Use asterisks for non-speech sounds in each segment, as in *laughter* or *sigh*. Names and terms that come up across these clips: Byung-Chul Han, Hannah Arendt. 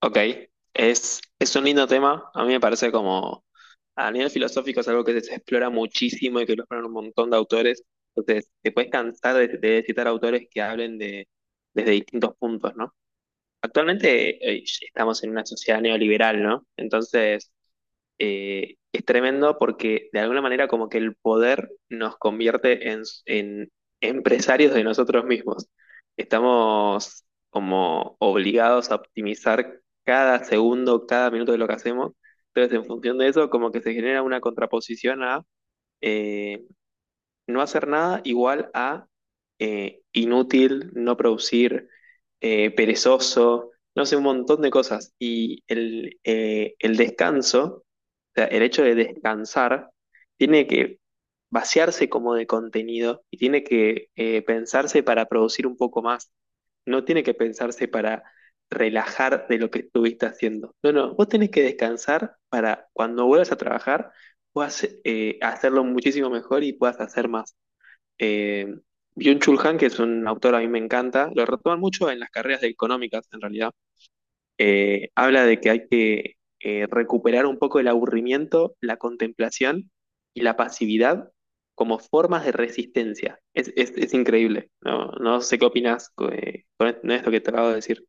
Ok, es un lindo tema. A mí me parece como a nivel filosófico es algo que se explora muchísimo y que lo exploran un montón de autores. Entonces, te puedes cansar de citar autores que hablen de, desde distintos puntos, ¿no? Actualmente estamos en una sociedad neoliberal, ¿no? Entonces, es tremendo porque de alguna manera como que el poder nos convierte en empresarios de nosotros mismos. Estamos como obligados a optimizar cada segundo, cada minuto de lo que hacemos. Entonces, en función de eso, como que se genera una contraposición a eh, no hacer nada igual a inútil, no producir, perezoso, no sé, un montón de cosas. Y el descanso, o sea, el hecho de descansar, tiene que vaciarse como de contenido y tiene que pensarse para producir un poco más. No tiene que pensarse para relajar de lo que estuviste haciendo. No, no, vos tenés que descansar para cuando vuelvas a trabajar puedas hacerlo muchísimo mejor y puedas hacer más. Eh, Byung-Chul Han, que es un autor a mí me encanta, lo retoman mucho en las carreras de económicas, en realidad. Habla de que hay que recuperar un poco el aburrimiento, la contemplación y la pasividad como formas de resistencia. Es increíble. No, no sé qué opinas con esto que te acabo de decir.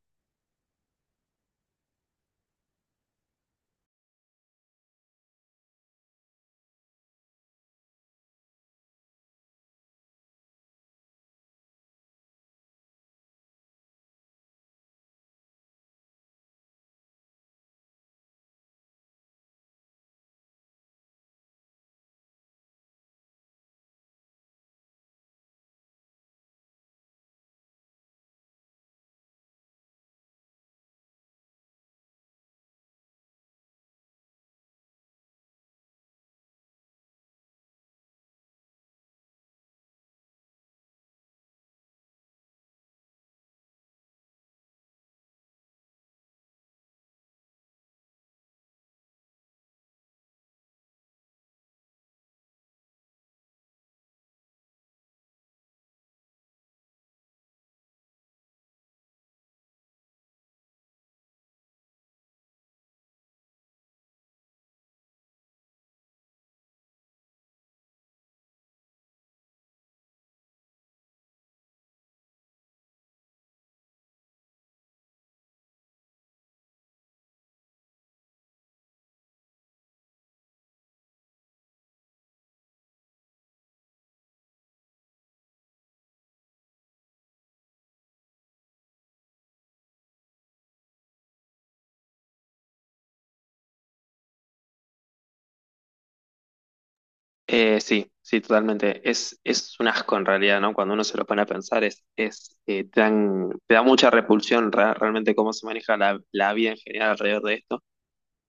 Sí, sí, totalmente. Es un asco en realidad, ¿no? Cuando uno se lo pone a pensar, te te da mucha repulsión realmente cómo se maneja la vida en general alrededor de esto.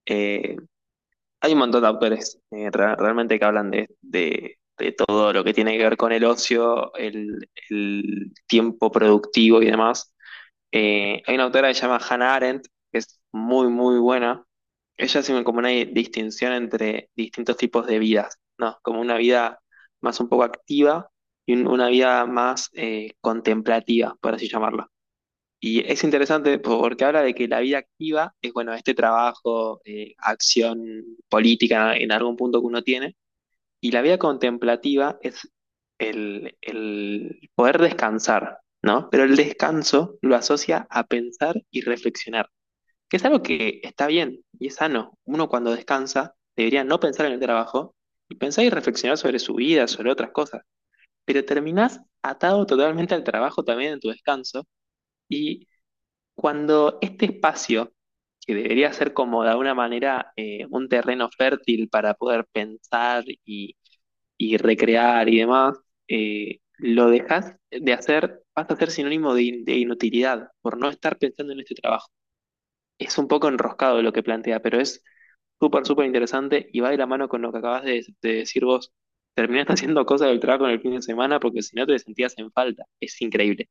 Eh, Hay un montón de autores realmente que hablan de, de todo lo que tiene que ver con el ocio, el tiempo productivo y demás. Hay una autora que se llama Hannah Arendt, que es muy, muy buena. Ella hace como una distinción entre distintos tipos de vidas, ¿no? Como una vida más un poco activa y una vida más contemplativa, por así llamarla. Y es interesante porque habla de que la vida activa es, bueno, este trabajo, acción política en algún punto que uno tiene, y la vida contemplativa es el poder descansar, ¿no? Pero el descanso lo asocia a pensar y reflexionar, que es algo que está bien y es sano. Uno cuando descansa debería no pensar en el trabajo y pensar y reflexionar sobre su vida, sobre otras cosas, pero terminás atado totalmente al trabajo también en tu descanso. Y cuando este espacio, que debería ser como de alguna manera un terreno fértil para poder pensar y recrear y demás, lo dejas de hacer, vas a ser sinónimo de, de inutilidad por no estar pensando en este trabajo. Es un poco enroscado lo que plantea, pero es súper, súper interesante y va de la mano con lo que acabas de decir vos. Terminaste *laughs* haciendo cosas del trabajo en el fin de semana porque si no te sentías en falta. Es increíble.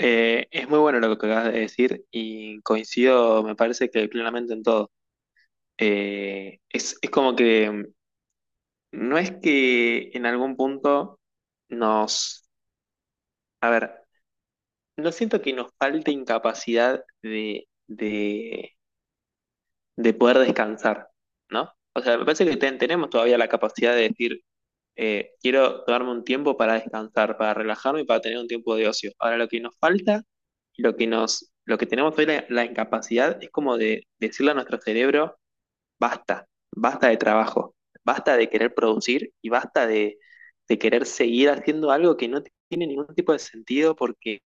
Es muy bueno lo que acabas de decir y coincido, me parece que plenamente en todo. Es como que no es que en algún punto nos... A ver, no siento que nos falte incapacidad de poder descansar, ¿no? O sea, me parece que tenemos todavía la capacidad de decir, quiero darme un tiempo para descansar, para relajarme y para tener un tiempo de ocio. Ahora lo que nos falta, lo que tenemos hoy la incapacidad es como de decirle a nuestro cerebro, basta, basta de trabajo, basta de querer producir y basta de querer seguir haciendo algo que no tiene ningún tipo de sentido porque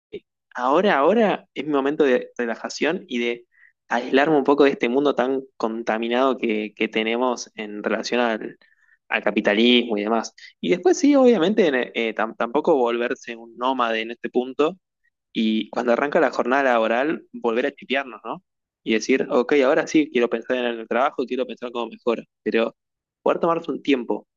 ahora es mi momento de relajación y de aislarme un poco de este mundo tan contaminado que tenemos en relación al capitalismo y demás. Y después sí, obviamente, tampoco volverse un nómade en este punto, y cuando arranca la jornada laboral, volver a chipearnos, ¿no? Y decir, ok, ahora sí quiero pensar en el trabajo, quiero pensar cómo mejora, pero poder tomarse un tiempo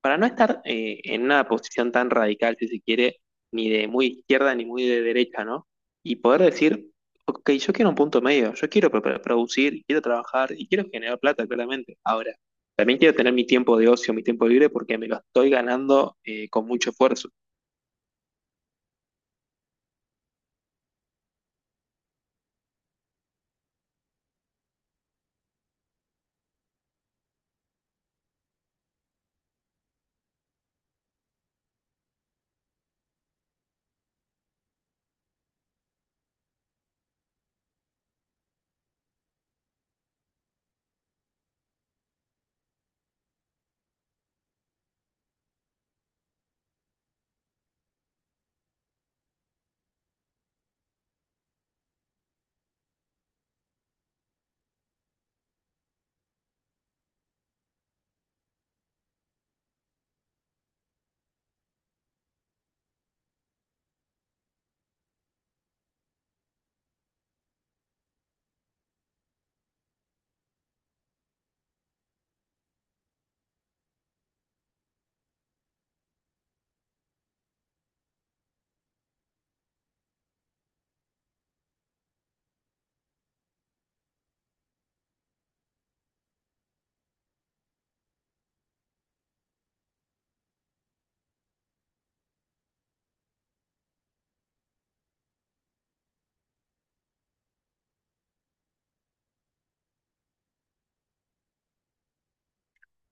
para no estar en una posición tan radical, si se quiere, ni de muy izquierda ni muy de derecha, ¿no? Y poder decir, ok, yo quiero un punto medio, yo quiero producir, quiero trabajar y quiero generar plata, claramente. Ahora, también quiero tener mi tiempo de ocio, mi tiempo libre, porque me lo estoy ganando con mucho esfuerzo.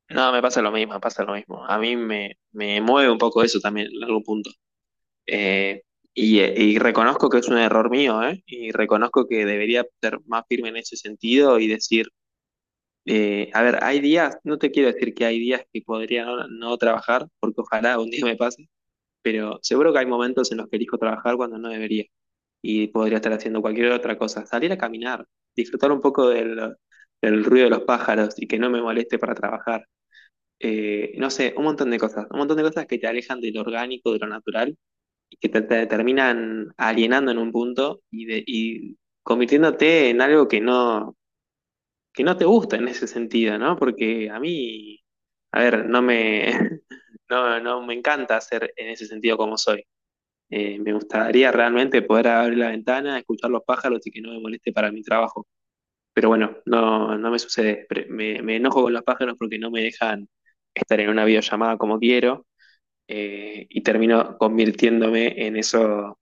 No, me pasa lo mismo, me pasa lo mismo. A mí me mueve un poco eso también en algún punto. Eh, y reconozco que es un error mío, ¿eh? Y reconozco que debería ser más firme en ese sentido y decir, a ver, hay días, no te quiero decir que hay días que podría no trabajar, porque ojalá un día me pase, pero seguro que hay momentos en los que elijo trabajar cuando no debería y podría estar haciendo cualquier otra cosa. Salir a caminar, disfrutar un poco del ruido de los pájaros y que no me moleste para trabajar no sé, un montón de cosas, un montón de cosas que te alejan de lo orgánico, de lo natural, y que te terminan alienando en un punto y, y convirtiéndote en algo que no te gusta en ese sentido, ¿no? Porque a mí, a ver, no me, *laughs* no me encanta ser en ese sentido como soy. Me gustaría realmente poder abrir la ventana, escuchar los pájaros y que no me moleste para mi trabajo. Pero bueno, no, no me sucede. Me enojo con los pájaros porque no me dejan estar en una videollamada como quiero, y termino convirtiéndome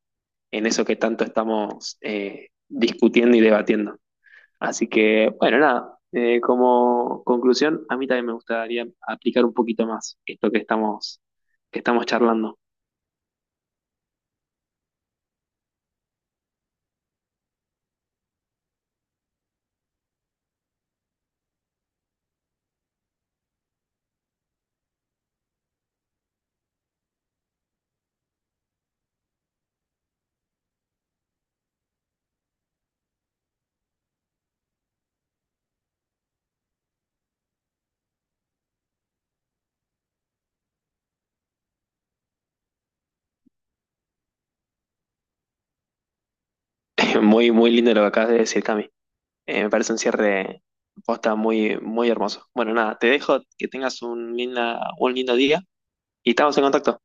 en eso que tanto estamos discutiendo y debatiendo. Así que, bueno, nada, como conclusión, a mí también me gustaría aplicar un poquito más esto que estamos charlando. *laughs* Muy, muy lindo lo que acabas de decir, Cami. Me parece un cierre posta muy, muy hermoso. Bueno, nada, te dejo que tengas un, linda, un lindo día y estamos en contacto.